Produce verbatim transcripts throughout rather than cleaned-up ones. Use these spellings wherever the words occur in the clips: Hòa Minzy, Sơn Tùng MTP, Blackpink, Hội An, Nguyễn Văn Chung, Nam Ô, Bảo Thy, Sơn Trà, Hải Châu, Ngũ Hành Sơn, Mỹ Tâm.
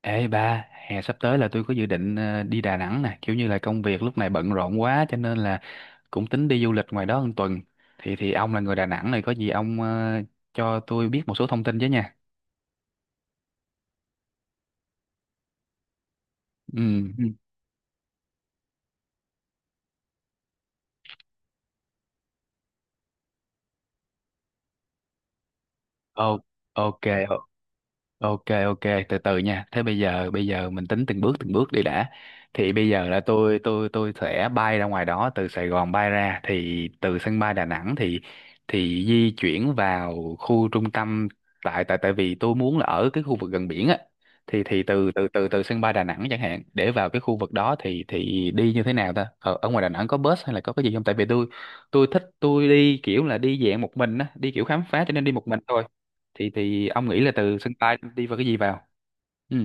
Ê ba, hè sắp tới là tôi có dự định ờ, đi Đà Nẵng nè, kiểu như là công việc lúc này bận rộn quá cho nên là cũng tính đi du lịch ngoài đó một tuần. Thì thì ông là người Đà Nẵng này có gì ông ờ, cho tôi biết một số thông tin chứ nha. Ừ. Ừ. Ô- ok. Ok, ok, từ từ nha. Thế bây giờ bây giờ mình tính từng bước từng bước đi đã. Thì bây giờ là tôi tôi tôi sẽ bay ra ngoài đó từ Sài Gòn bay ra, thì từ sân bay Đà Nẵng thì thì di chuyển vào khu trung tâm, tại tại tại vì tôi muốn là ở cái khu vực gần biển á, thì thì từ từ từ từ sân bay Đà Nẵng chẳng hạn, để vào cái khu vực đó thì thì đi như thế nào ta? Ở, ở ngoài Đà Nẵng có bus hay là có cái gì không? Tại vì tôi tôi thích tôi đi kiểu là đi dạng một mình á, đi kiểu khám phá cho nên đi một mình thôi, thì thì ông nghĩ là từ sân bay đi vào cái gì vào. Ừ,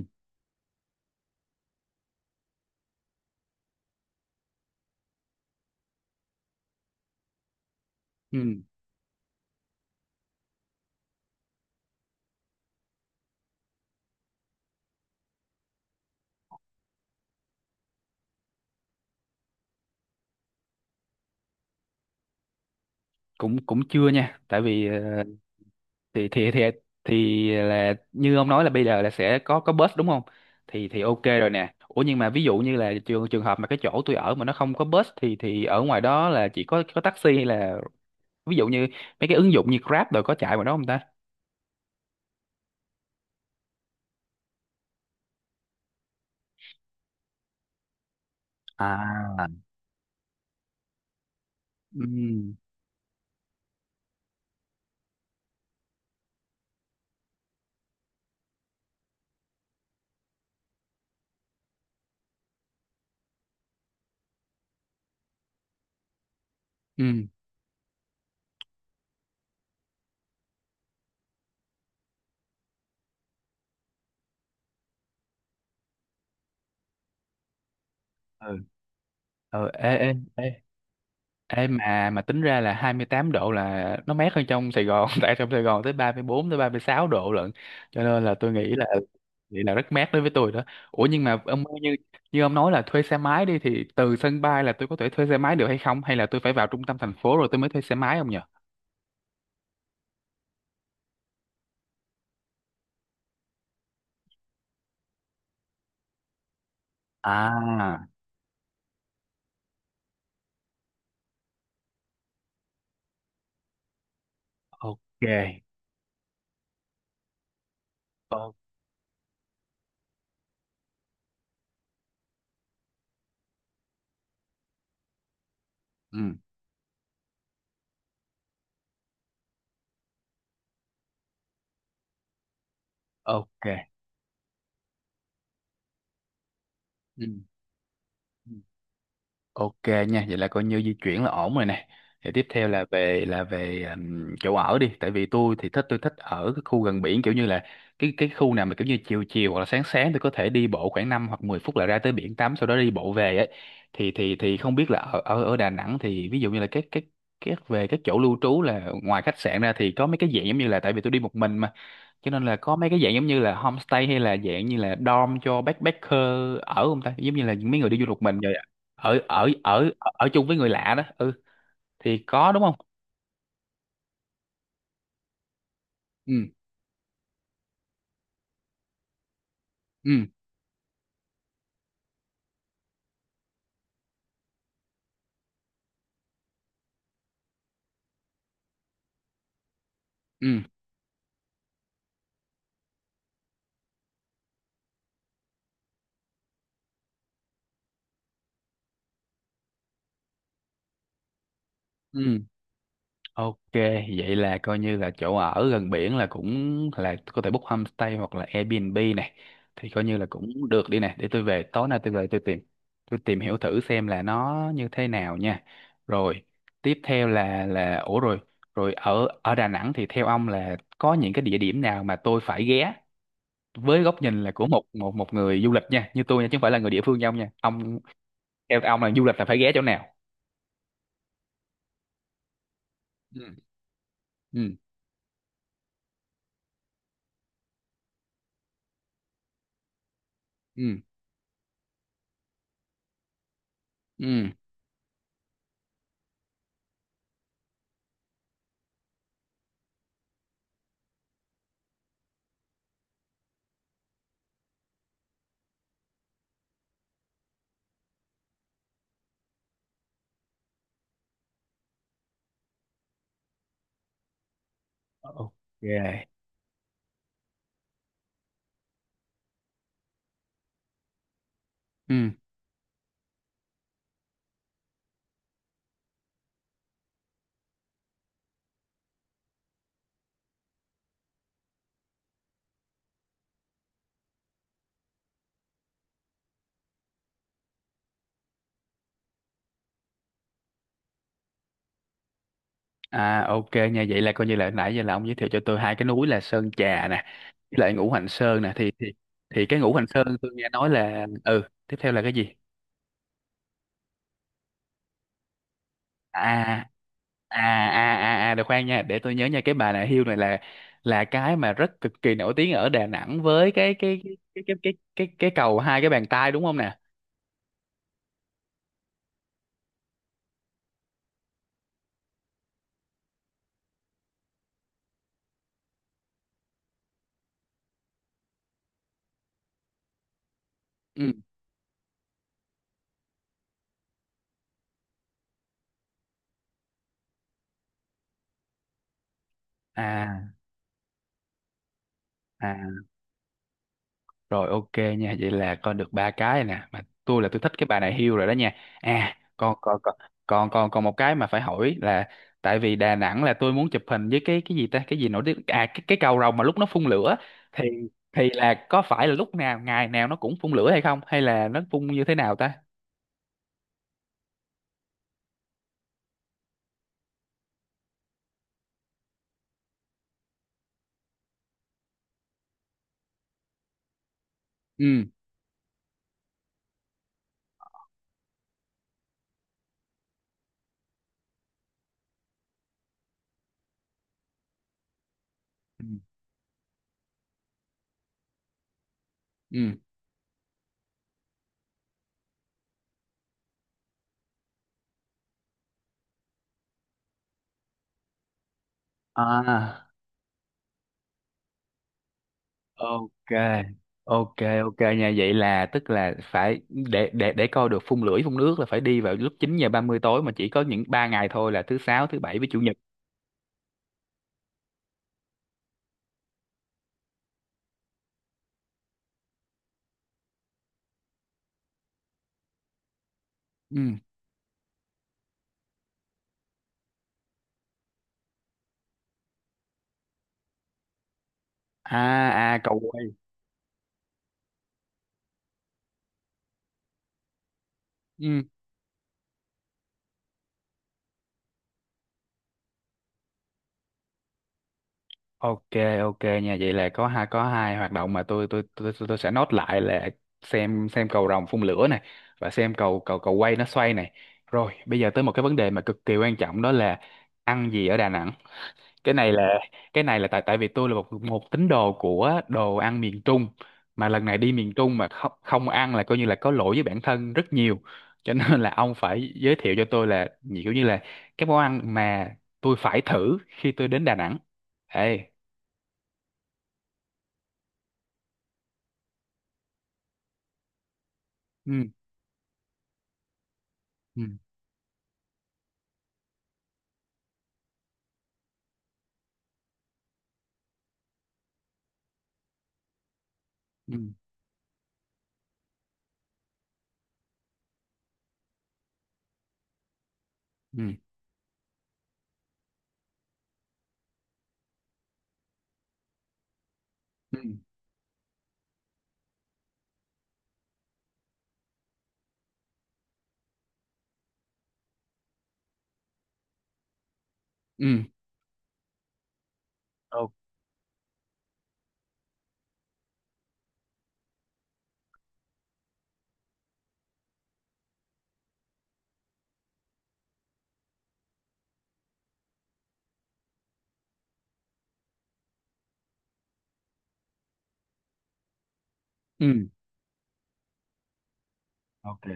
ừ. cũng cũng chưa nha, tại vì ờ, thì thì thì thì là như ông nói là bây giờ là sẽ có có bus đúng không, thì thì ok rồi nè. Ủa nhưng mà ví dụ như là trường trường hợp mà cái chỗ tôi ở mà nó không có bus thì thì ở ngoài đó là chỉ có có taxi hay là ví dụ như mấy cái ứng dụng như Grab, rồi có chạy ngoài đó không ta? À, ừ, ừ, ừ, ừ, ê, ê, ê. Ê, mà mà tính ra là hai mươi tám độ là nó mát hơn trong Sài Gòn tại trong Sài Gòn tới ba mươi bốn tới ba mươi sáu độ lận, cho nên là tôi nghĩ là nghĩ là rất mát đối với tôi đó. Ủa nhưng mà ông ơi, như như ông nói là thuê xe máy đi, thì từ sân bay là tôi có thể thuê xe máy được hay không, hay là tôi phải vào trung tâm thành phố rồi tôi mới thuê xe máy không nhỉ? À, ok. Ồ. Ừ, ok. Ừ. Ừ. Ok nha, vậy là coi như di chuyển là ổn rồi nè. Thì tiếp theo là về là về ừm, chỗ ở đi, tại vì tôi thì thích tôi thích ở cái khu gần biển, kiểu như là cái cái khu nào mà kiểu như chiều chiều hoặc là sáng sáng tôi có thể đi bộ khoảng năm hoặc mười phút là ra tới biển tắm, sau đó đi bộ về ấy. Thì thì thì không biết là ở ở ở Đà Nẵng thì ví dụ như là các các các về các chỗ lưu trú, là ngoài khách sạn ra thì có mấy cái dạng giống như là, tại vì tôi đi một mình mà, cho nên là có mấy cái dạng giống như là homestay hay là dạng như là dorm cho backpacker ở không ta, giống như là những mấy người đi du lịch mình rồi ở ở ở ở chung với người lạ đó, ừ, thì có đúng không. Ừ, ừ, ừ, ừ. Ok, vậy là coi như là chỗ ở gần biển là cũng là có thể book homestay hoặc là Airbnb này, thì coi như là cũng được đi này, để tôi về tối nay tôi về tôi tìm tôi tìm hiểu thử xem là nó như thế nào nha. Rồi, tiếp theo là là ủa rồi, rồi ở ở Đà Nẵng thì theo ông là có những cái địa điểm nào mà tôi phải ghé, với góc nhìn là của một một một người du lịch nha, như tôi nha, chứ không phải là người địa phương như ông nha. Ông theo ông là du lịch là phải ghé chỗ nào? Ừ. Ừ. Ừ. Ừ. Ok. Ừ. À, ok nha, vậy là coi như là nãy giờ là ông giới thiệu cho tôi hai cái núi là Sơn Trà nè với lại Ngũ Hành Sơn nè, thì thì thì cái Ngũ Hành Sơn tôi nghe nói là, ừ tiếp theo là cái gì? à à à à à được, khoan nha, để tôi nhớ nha, cái bà nà hưu này là là cái mà rất cực kỳ nổi tiếng ở Đà Nẵng với cái cái cái cái cái cái cái, cái cầu hai cái bàn tay đúng không nè? Ừ. À. À. Rồi, ok nha, vậy là con được ba cái nè, mà tôi là tôi thích cái bà này hiêu rồi đó nha. À, còn còn còn còn còn còn một cái mà phải hỏi là, tại vì Đà Nẵng là tôi muốn chụp hình với cái cái gì ta, cái gì nổi tiếng à, cái cái cầu rồng mà lúc nó phun lửa, thì thì là có phải là lúc nào, ngày nào nó cũng phun lửa hay không, hay là nó phun như thế nào ta? Ừ. Ừ. Ừ. À. Ok, ok, ok nha, vậy là tức là phải để để để coi được phun lưỡi phun nước là phải đi vào lúc chín giờ ba mươi tối, mà chỉ có những ba ngày thôi là thứ sáu, thứ bảy với chủ nhật. Ừ. À. À, cầu quay. Ừ. Ok, ok nha, vậy là có hai, có hai hoạt động mà tôi tôi tôi tôi, tôi sẽ nốt lại là: xem xem cầu rồng phun lửa này, và xem cầu cầu cầu quay nó xoay này. Rồi bây giờ tới một cái vấn đề mà cực kỳ quan trọng đó là ăn gì ở Đà Nẵng. cái này là cái này là, tại tại vì tôi là một một tín đồ của đồ ăn miền Trung, mà lần này đi miền Trung mà không không ăn là coi như là có lỗi với bản thân rất nhiều, cho nên là ông phải giới thiệu cho tôi là nhiều, kiểu như là cái món ăn mà tôi phải thử khi tôi đến Đà Nẵng. Ê. Ừ. Ừ. Ừ. Ừ. Ừ. Ừ. Ok. Ừ. Ok,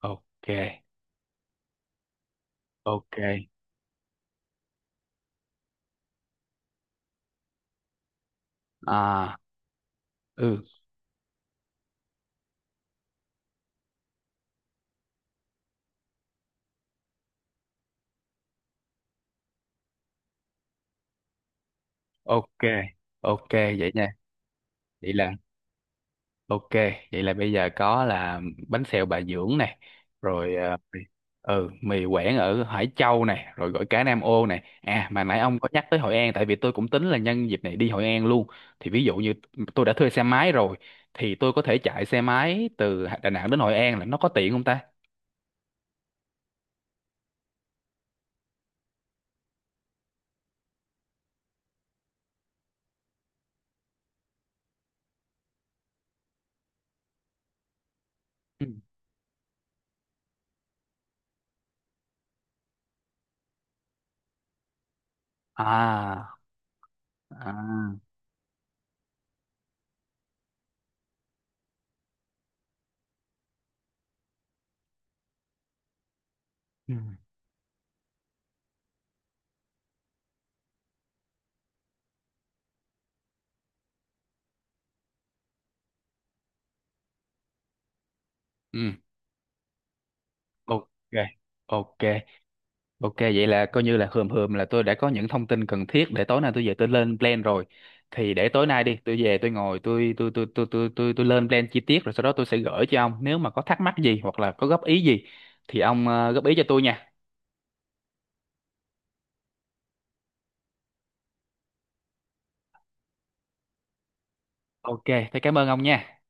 ok, ok. À. Ừ. Ok, ok vậy nha. Vậy là Ok, vậy là bây giờ có là bánh xèo Bà Dưỡng này, rồi ờ, ừ, mì Quảng ở Hải Châu này, rồi gỏi cá Nam Ô này. À mà nãy ông có nhắc tới Hội An, tại vì tôi cũng tính là nhân dịp này đi Hội An luôn. Thì ví dụ như tôi đã thuê xe máy rồi, thì tôi có thể chạy xe máy từ Đà Nẵng đến Hội An là nó có tiện không ta? Ừ. À, à. Ừ. Ừ, ok, ok. Ok, vậy là coi như là hườm hườm là tôi đã có những thông tin cần thiết để tối nay tôi về tôi lên plan rồi. Thì để tối nay đi, tôi về tôi ngồi tôi tôi tôi tôi tôi tôi, tôi lên plan chi tiết, rồi sau đó tôi sẽ gửi cho ông, nếu mà có thắc mắc gì hoặc là có góp ý gì thì ông ờ, góp ý cho tôi nha. Ok, thế cảm ơn ông nha.